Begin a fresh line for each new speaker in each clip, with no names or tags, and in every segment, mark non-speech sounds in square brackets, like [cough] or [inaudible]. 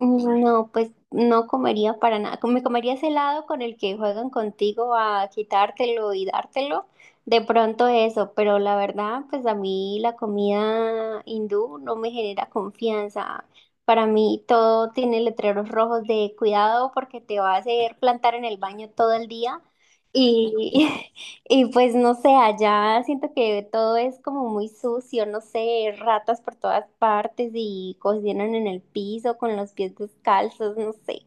No, pues no comería para nada. Me comería ese helado con el que juegan contigo a quitártelo y dártelo. De pronto eso, pero la verdad, pues a mí la comida hindú no me genera confianza. Para mí todo tiene letreros rojos de cuidado porque te va a hacer plantar en el baño todo el día. y y pues no sé, allá siento que todo es como muy sucio, no sé, ratas por todas partes y cocinan en el piso con los pies descalzos, no sé.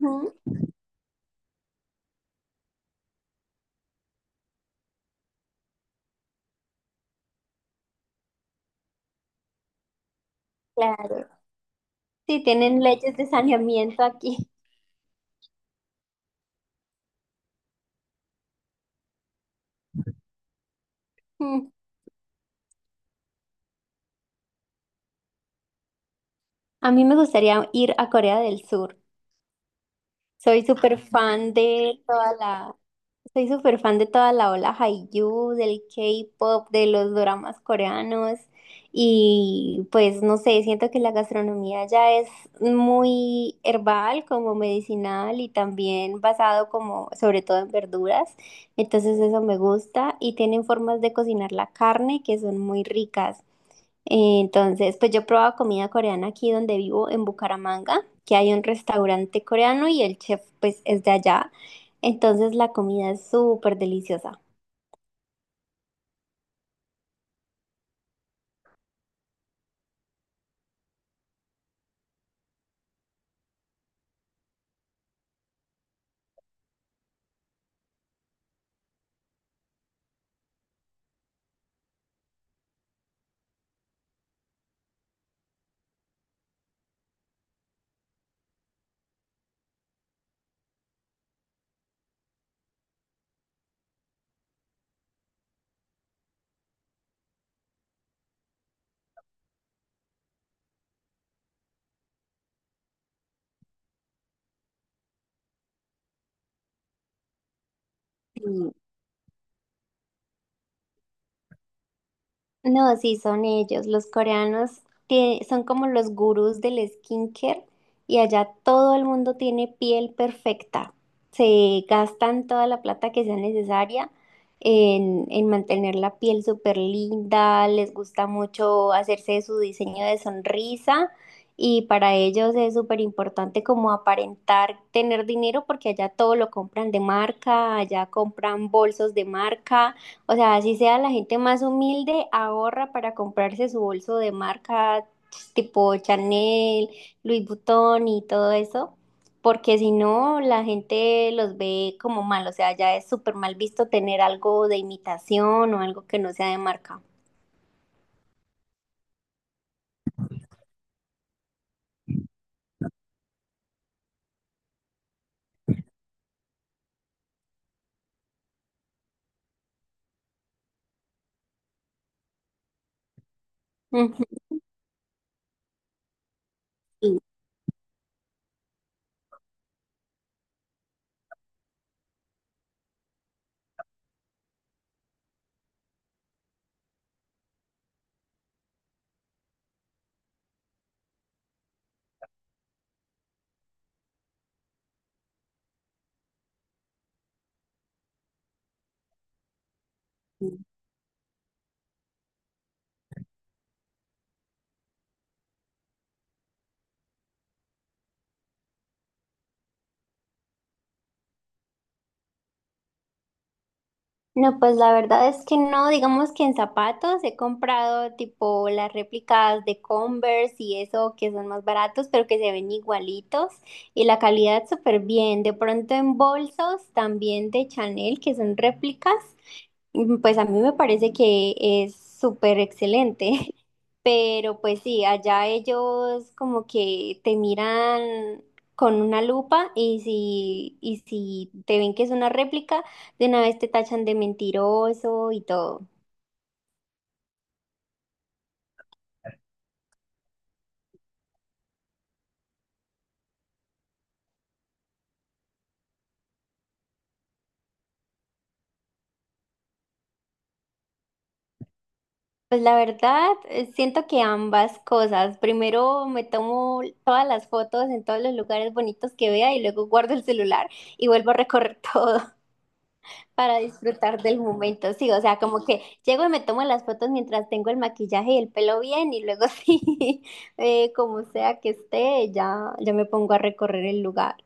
Ujú. Claro. Sí, tienen leyes de saneamiento aquí. [laughs] Mm. A mí me gustaría ir a Corea del Sur. Soy súper fan de toda la, Soy súper fan de toda la ola Hallyu, del K-pop, de los dramas coreanos y pues no sé, siento que la gastronomía ya es muy herbal, como medicinal y también basado como sobre todo en verduras, entonces eso me gusta y tienen formas de cocinar la carne que son muy ricas. Entonces, pues yo probaba comida coreana aquí donde vivo, en Bucaramanga, que hay un restaurante coreano y el chef pues es de allá. Entonces la comida es súper deliciosa. Sí. No, sí, son ellos. Los coreanos son como los gurús del skincare y allá todo el mundo tiene piel perfecta. Se gastan toda la plata que sea necesaria en mantener la piel súper linda. Les gusta mucho hacerse su diseño de sonrisa y para ellos es súper importante como aparentar tener dinero porque allá todo lo compran de marca, allá compran bolsos de marca. O sea, así sea la gente más humilde, ahorra para comprarse su bolso de marca tipo Chanel, Louis Vuitton y todo eso, porque si no, la gente los ve como mal, o sea, ya es súper mal visto tener algo de imitación o algo que no sea de marca. Ujú. No, pues la verdad es que no, digamos que en zapatos he comprado tipo las réplicas de Converse y eso que son más baratos, pero que se ven igualitos y la calidad súper bien. De pronto en bolsos también de Chanel, que son réplicas, pues a mí me parece que es súper excelente. [laughs] Pero pues sí, allá ellos como que te miran con una lupa y si te ven que es una réplica de una vez te tachan de mentiroso y todo. Pues la verdad, siento que ambas cosas. Primero me tomo todas las fotos en todos los lugares bonitos que vea y luego guardo el celular y vuelvo a recorrer todo [laughs] para disfrutar del momento. Sí, o sea, como que llego y me tomo las fotos mientras tengo el maquillaje y el pelo bien y luego [laughs] sí, como sea que esté, ya, ya me pongo a recorrer el lugar.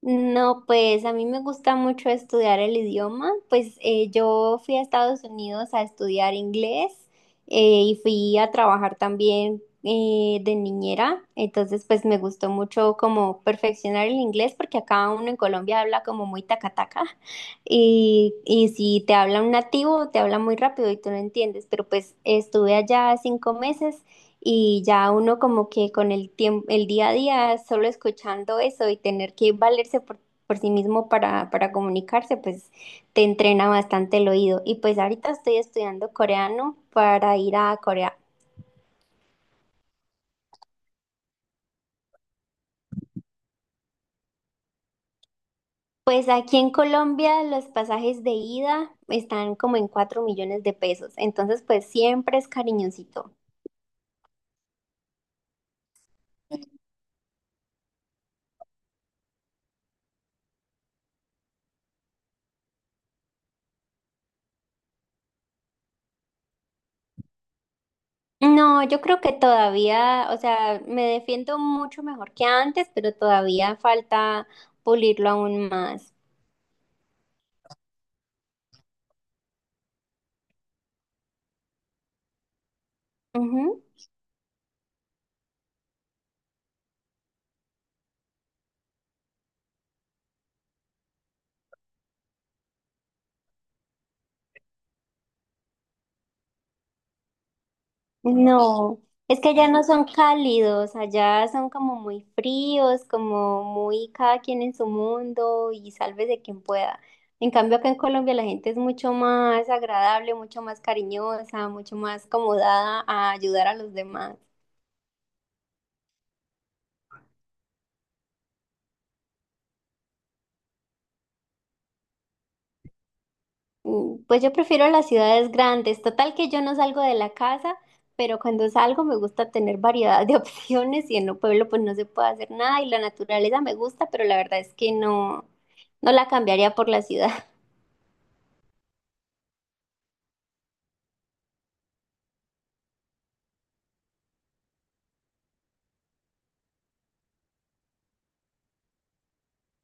No, pues a mí me gusta mucho estudiar el idioma. Pues yo fui a Estados Unidos a estudiar inglés y fui a trabajar también de niñera. Entonces, pues me gustó mucho como perfeccionar el inglés porque acá uno en Colombia habla como muy tacataca [laughs] y si te habla un nativo, te habla muy rápido y tú no entiendes. Pero pues estuve allá 5 meses. Y ya uno como que con el tiempo, el día a día, solo escuchando eso y tener que valerse por sí mismo para comunicarse, pues te entrena bastante el oído. Y pues ahorita estoy estudiando coreano para ir a Corea. Pues aquí en Colombia los pasajes de ida están como en 4 millones de pesos, entonces pues siempre es cariñosito. No, yo creo que todavía, o sea, me defiendo mucho mejor que antes, pero todavía falta pulirlo aún más. Ujú. No, es que allá no son cálidos, allá son como muy fríos, como muy cada quien en su mundo y sálvese quien pueda. En cambio, acá en Colombia la gente es mucho más agradable, mucho más cariñosa, mucho más acomodada a ayudar a los demás. Pues yo prefiero las ciudades grandes. Total que yo no salgo de la casa, pero cuando salgo me gusta tener variedad de [laughs] opciones y en el pueblo pues no se puede hacer nada y la naturaleza me gusta, pero la verdad es que no, no la cambiaría por la ciudad. [laughs]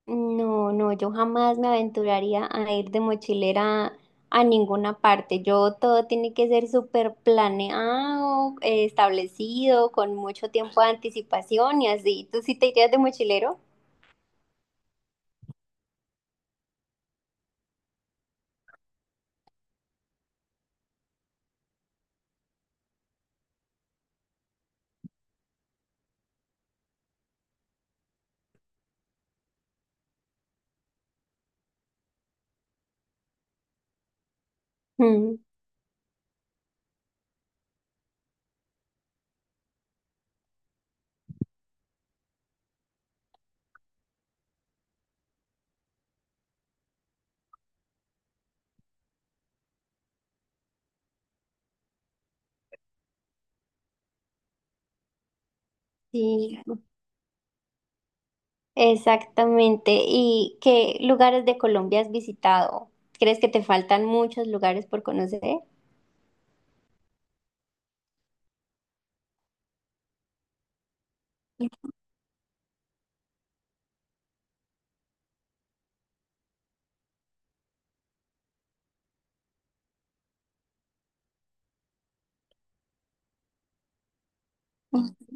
No, no, yo jamás me aventuraría a ir de mochilera a ninguna parte. Yo todo tiene que ser súper planeado, establecido, con mucho tiempo de anticipación y así. ¿Tú sí te irías de mochilero? Mm, sí. Exactamente. ¿Y qué lugares de Colombia has visitado? ¿Crees que te faltan muchos lugares por conocer? [laughs]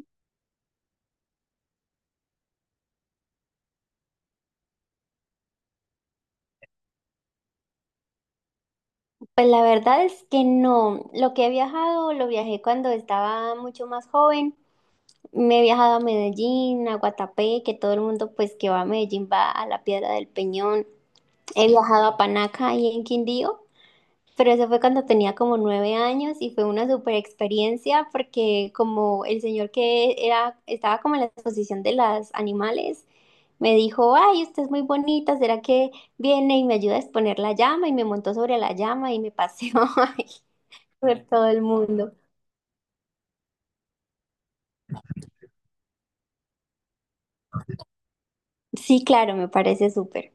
Pues la verdad es que no. Lo que he viajado, lo viajé cuando estaba mucho más joven. Me he viajado a Medellín, a Guatapé, que todo el mundo pues que va a Medellín va a la Piedra del Peñón. He viajado a Panaca y en Quindío. Pero eso fue cuando tenía como 9 años y fue una super experiencia porque como el señor que era, estaba como en la exposición de los animales, me dijo, ay, usted es muy bonita, ¿será que viene y me ayuda a exponer la llama? Y me montó sobre la llama y me paseó [laughs] ay, por todo el mundo. Sí, claro, me parece súper.